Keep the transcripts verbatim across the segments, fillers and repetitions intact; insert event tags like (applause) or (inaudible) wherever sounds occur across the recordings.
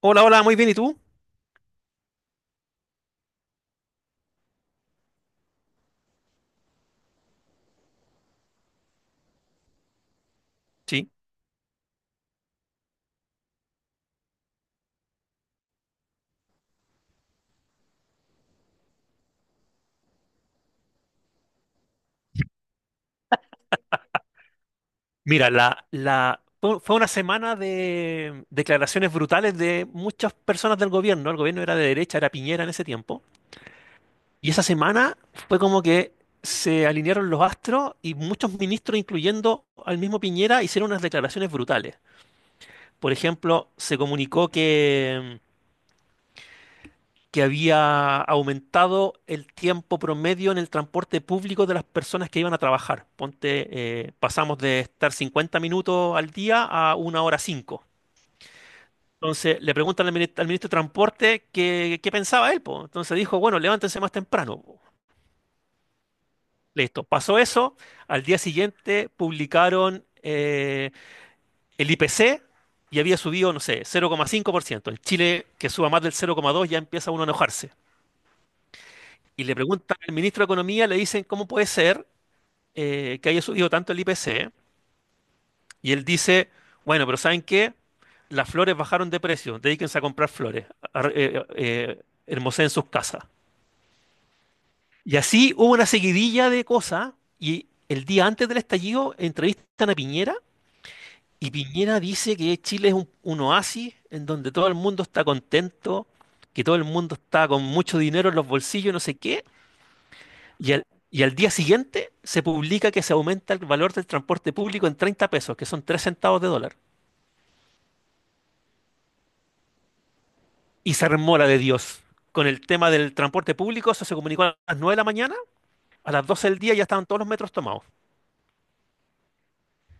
Hola, hola, muy bien. ¿Y tú? Sí. Mira, la, la, fue fue una semana de declaraciones brutales de muchas personas del gobierno. El gobierno era de derecha, era Piñera en ese tiempo. Y esa semana fue como que se alinearon los astros y muchos ministros, incluyendo al mismo Piñera, hicieron unas declaraciones brutales. Por ejemplo, se comunicó que que había aumentado el tiempo promedio en el transporte público de las personas que iban a trabajar. Ponte, eh, pasamos de estar cincuenta minutos al día a una hora cinco. Entonces le preguntan al ministro, al ministro de Transporte qué, qué pensaba él, po. Entonces dijo, bueno, levántense más temprano, po. Listo, pasó eso. Al día siguiente publicaron eh, el I P C y había subido, no sé, cero coma cinco por ciento. En Chile, que suba más del cero coma dos, ya empieza uno a enojarse. Y le preguntan al ministro de Economía, le dicen, ¿cómo puede ser eh, que haya subido tanto el I P C? Y él dice, bueno, pero ¿saben qué? Las flores bajaron de precio, dedíquense a comprar flores, ar- eh, eh, hermoseen sus casas. Y así hubo una seguidilla de cosas y el día antes del estallido entrevistan a Piñera y Piñera dice que Chile es un, un oasis en donde todo el mundo está contento, que todo el mundo está con mucho dinero en los bolsillos, no sé qué. Y al, y al día siguiente se publica que se aumenta el valor del transporte público en treinta pesos, que son tres centavos de dólar. Y se armó la de Dios. Con el tema del transporte público, eso se comunicó a las nueve de la mañana, a las doce del día ya estaban todos los metros tomados.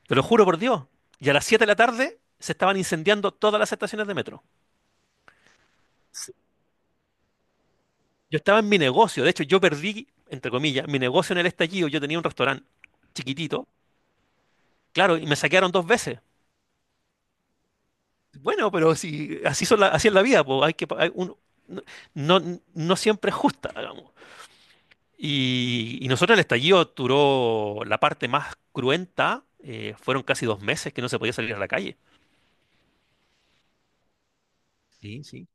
Te lo juro por Dios. Y a las siete de la tarde se estaban incendiando todas las estaciones de metro. Sí. Yo estaba en mi negocio, de hecho yo perdí, entre comillas, mi negocio en el estallido, yo tenía un restaurante chiquitito, claro, y me saquearon dos veces. Bueno, pero si así son la, así es la vida, pues hay que pa- hay un- no, no- no siempre es justa, digamos. Y, y nosotros el estallido duró la parte más cruenta, eh, fueron casi dos meses que no se podía salir a la calle. Sí, sí.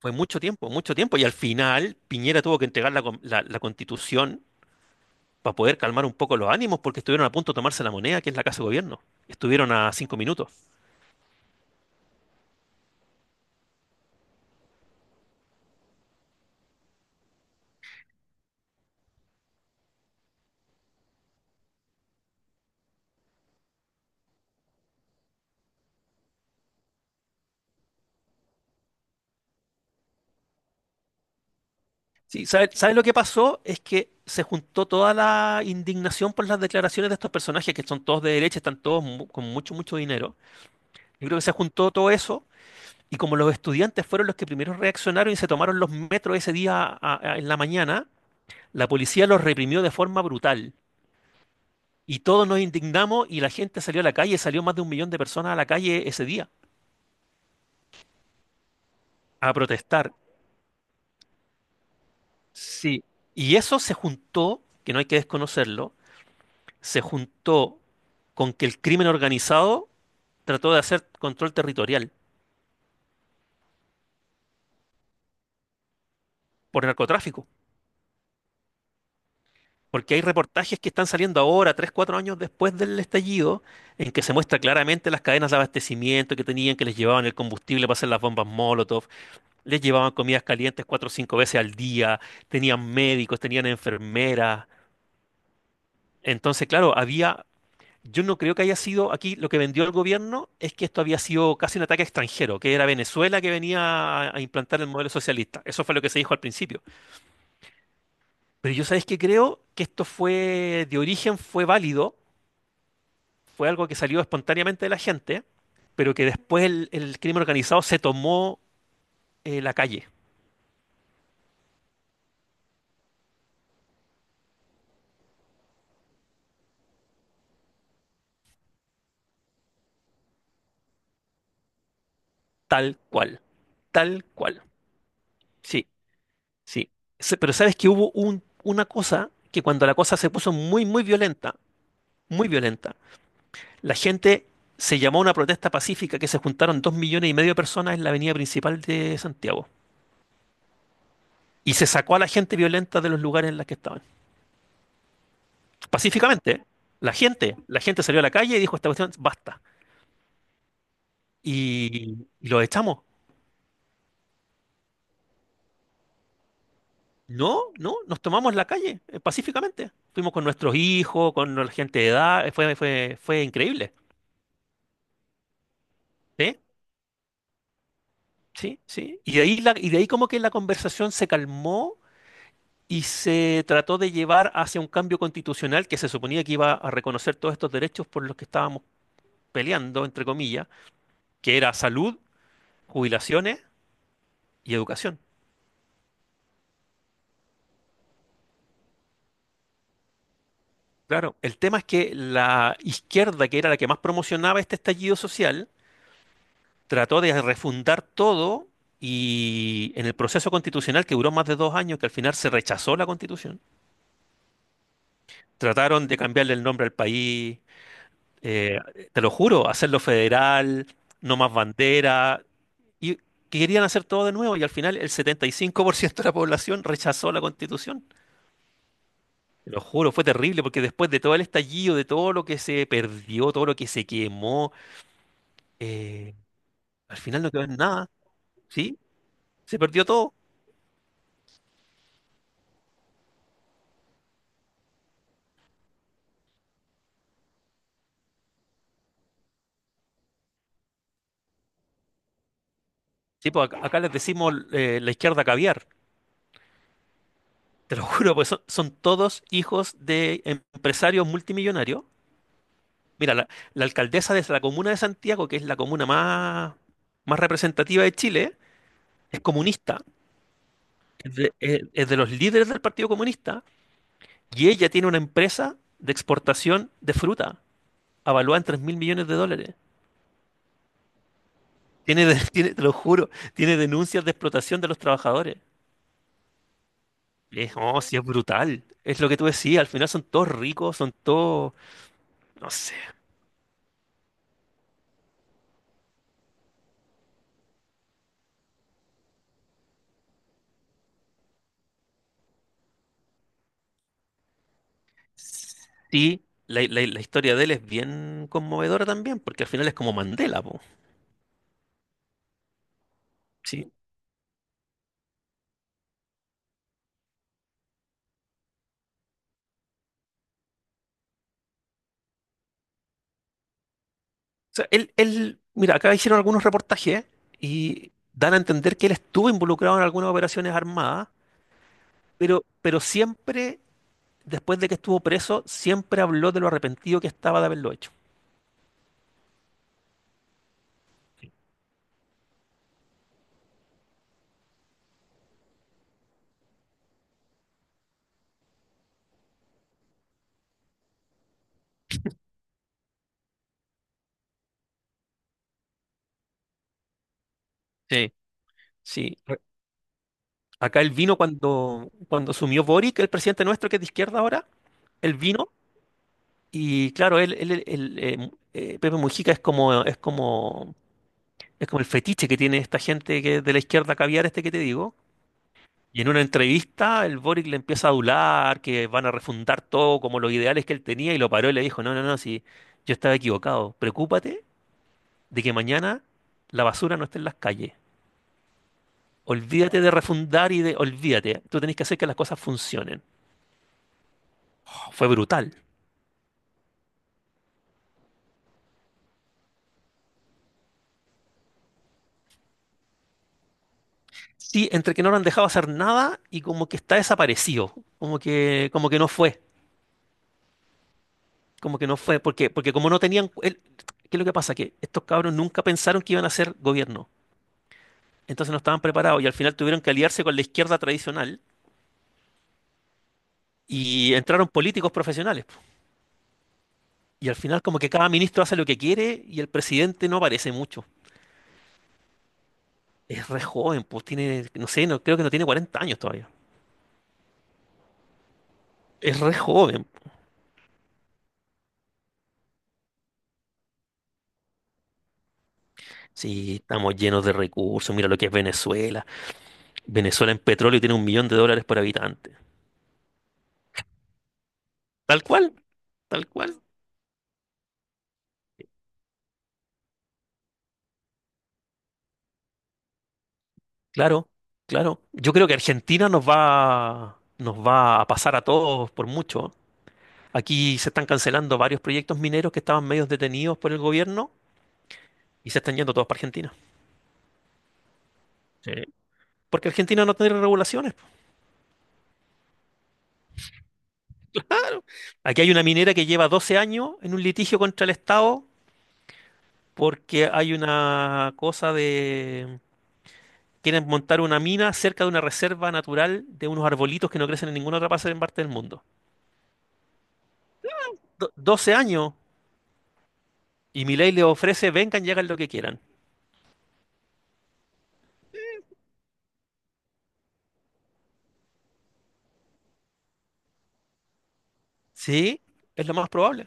Fue mucho tiempo, mucho tiempo. Y al final Piñera tuvo que entregar la, con- la- la constitución para poder calmar un poco los ánimos porque estuvieron a punto de tomarse la moneda, que es la Casa de Gobierno. Estuvieron a cinco minutos. Sí, ¿sabes sabe lo que pasó? Es que se juntó toda la indignación por las declaraciones de estos personajes, que son todos de derecha, están todos mu- con mucho, mucho dinero. Yo creo que se juntó todo eso, y como los estudiantes fueron los que primero reaccionaron y se tomaron los metros ese día a- a- en la mañana, la policía los reprimió de forma brutal. Y todos nos indignamos y la gente salió a la calle, salió más de un millón de personas a la calle ese día a protestar. Sí. Y eso se juntó, que no hay que desconocerlo, se juntó con que el crimen organizado trató de hacer control territorial por narcotráfico. Porque hay reportajes que están saliendo ahora, tres, cuatro años después del estallido, en que se muestra claramente las cadenas de abastecimiento que tenían, que les llevaban el combustible para hacer las bombas Molotov, les llevaban comidas calientes cuatro o cinco veces al día, tenían médicos, tenían enfermeras. Entonces, claro, había... Yo no creo que haya sido, aquí lo que vendió el gobierno es que esto había sido casi un ataque extranjero, que era Venezuela que venía a, a implantar el modelo socialista. Eso fue lo que se dijo al principio. Pero yo sabéis que creo que esto fue de origen, fue válido, fue algo que salió espontáneamente de la gente, pero que después el, el crimen organizado se tomó eh, la calle, tal cual, tal cual. Sí, sí. Se- Pero sabes que hubo un- una cosa que cuando la cosa se puso muy, muy violenta, muy violenta. La gente se llamó a una protesta pacífica que se juntaron dos millones y medio de personas en la avenida principal de Santiago. Y se sacó a la gente violenta de los lugares en los que estaban. Pacíficamente, ¿eh? la gente, la gente salió a la calle y dijo esta cuestión, basta. Y, y los echamos. No, no, nos tomamos la calle, eh, pacíficamente. Fuimos con nuestros hijos, con la gente de edad, eh, fue, fue, fue increíble. ¿Sí? Sí, sí. Y de ahí la- y de ahí como que la conversación se calmó y se trató de llevar hacia un cambio constitucional que se suponía que iba a reconocer todos estos derechos por los que estábamos peleando, entre comillas, que era salud, jubilaciones y educación. Claro, el tema es que la izquierda, que era la que más promocionaba este estallido social, trató de refundar todo y en el proceso constitucional que duró más de dos años, que al final se rechazó la constitución, trataron de cambiarle el nombre al país, eh, te lo juro, hacerlo federal, no más bandera, y que querían hacer todo de nuevo y al final el setenta y cinco por ciento de la población rechazó la constitución. Te lo juro, fue terrible porque después de todo el estallido, de todo lo que se perdió, todo lo que se quemó, eh, al final no quedó en nada, ¿sí? Se perdió todo. Sí, pues acá, acá les decimos eh, la izquierda caviar. Te lo juro, pues son, son todos hijos de empresarios multimillonarios. Mira, la, la alcaldesa de la comuna de Santiago, que es la comuna más, más representativa de Chile, es comunista, es de, es- es de los líderes del Partido Comunista, y ella tiene una empresa de exportación de fruta, avaluada en tres mil millones de dólares. Tiene, de- (laughs) tiene, te lo juro, tiene denuncias de explotación de los trabajadores. Es, oh, sí, es brutal. Es lo que tú decías, al final son todos ricos, son todos, no sé. Sí, la, la- la historia de él es bien conmovedora también, porque al final es como Mandela, po. Sí, sea, él, él, mira, acá hicieron algunos reportajes y dan a entender que él estuvo involucrado en algunas operaciones armadas, pero, pero siempre, después de que estuvo preso, siempre habló de lo arrepentido que estaba de haberlo hecho. Sí, sí, Re- acá él vino cuando, cuando asumió Boric, el presidente nuestro que es de izquierda ahora, él vino y claro, él, él- él- él, eh, eh, Pepe Mujica es como, es como, es como el fetiche que tiene esta gente que, de la izquierda caviar este que te digo. Y en una entrevista el Boric le empieza a adular, que van a refundar todo como los ideales que él tenía y lo paró y le dijo, no, no, no, sí, yo estaba equivocado. Preocúpate de que mañana la basura no esté en las calles. Olvídate de refundar y de olvídate. Tú tenés que hacer que las cosas funcionen. Oh, fue brutal. Sí, entre que no lo han dejado hacer nada y como que está desaparecido, como que, como que no fue, como que no fue, porque, porque como no tenían, él- ¿qué es lo que pasa? Que estos cabros nunca pensaron que iban a ser gobierno. Entonces no estaban preparados y al final tuvieron que aliarse con la izquierda tradicional y entraron políticos profesionales, po. Y al final como que cada ministro hace lo que quiere y el presidente no aparece mucho. Es re joven, pues tiene, no sé, no, creo que no tiene cuarenta años todavía. Es re joven. Sí, estamos llenos de recursos. Mira lo que es Venezuela. Venezuela en petróleo tiene un millón de dólares por habitante. Tal cual, tal cual. Claro, claro. Yo creo que Argentina nos va, nos va a pasar a todos por mucho. Aquí se están cancelando varios proyectos mineros que estaban medios detenidos por el gobierno y se están yendo todos para Argentina. Sí. Porque Argentina no tiene regulaciones. Aquí hay una minera que lleva doce años en un litigio contra el Estado porque hay una cosa de... Quieren montar una mina cerca de una reserva natural de unos arbolitos que no crecen en ninguna otra parte en parte del mundo. Do- doce años y Milei les ofrece, vengan y hagan lo que quieran. Sí, es lo más probable.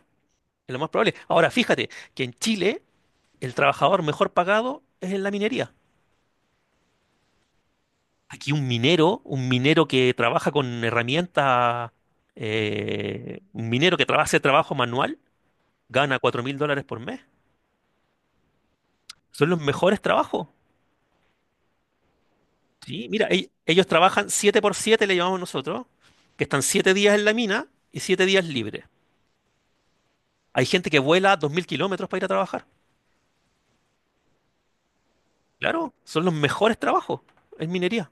Es lo más probable. Ahora, fíjate que en Chile el trabajador mejor pagado es en la minería. Aquí un minero, un minero que trabaja con herramientas, eh, un minero que trabaja, hace trabajo manual, gana cuatro mil dólares por mes. Son los mejores trabajos. Sí, mira, ell- ellos trabajan siete por siete le llamamos nosotros, que están siete días en la mina y siete días libres. Hay gente que vuela dos mil kilómetros para ir a trabajar. Claro, son los mejores trabajos en minería.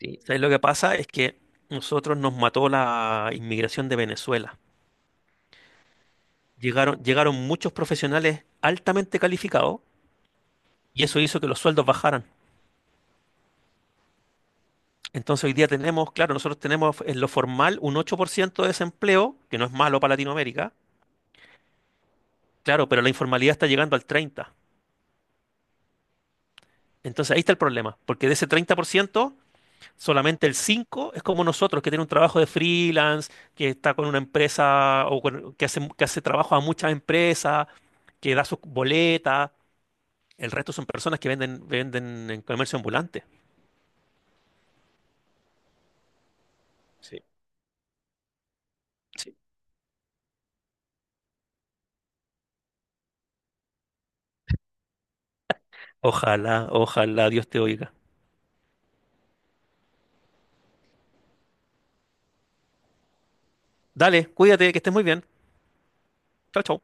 Sí. ¿Sabes lo que pasa? Es que nosotros nos mató la inmigración de Venezuela. Llegaron, llegaron muchos profesionales altamente calificados y eso hizo que los sueldos bajaran. Entonces hoy día tenemos, claro, nosotros tenemos en lo formal un ocho por ciento de desempleo, que no es malo para Latinoamérica, claro, pero la informalidad está llegando al treinta por ciento. Entonces ahí está el problema, porque de ese treinta por ciento solamente el cinco por ciento es como nosotros, que tiene un trabajo de freelance, que está con una empresa o con- que hace, que hace trabajo a muchas empresas, que da sus boletas. El resto son personas que venden, venden en comercio ambulante. Sí. Ojalá, ojalá Dios te oiga. Dale, cuídate, que estés muy bien. Chao, chao.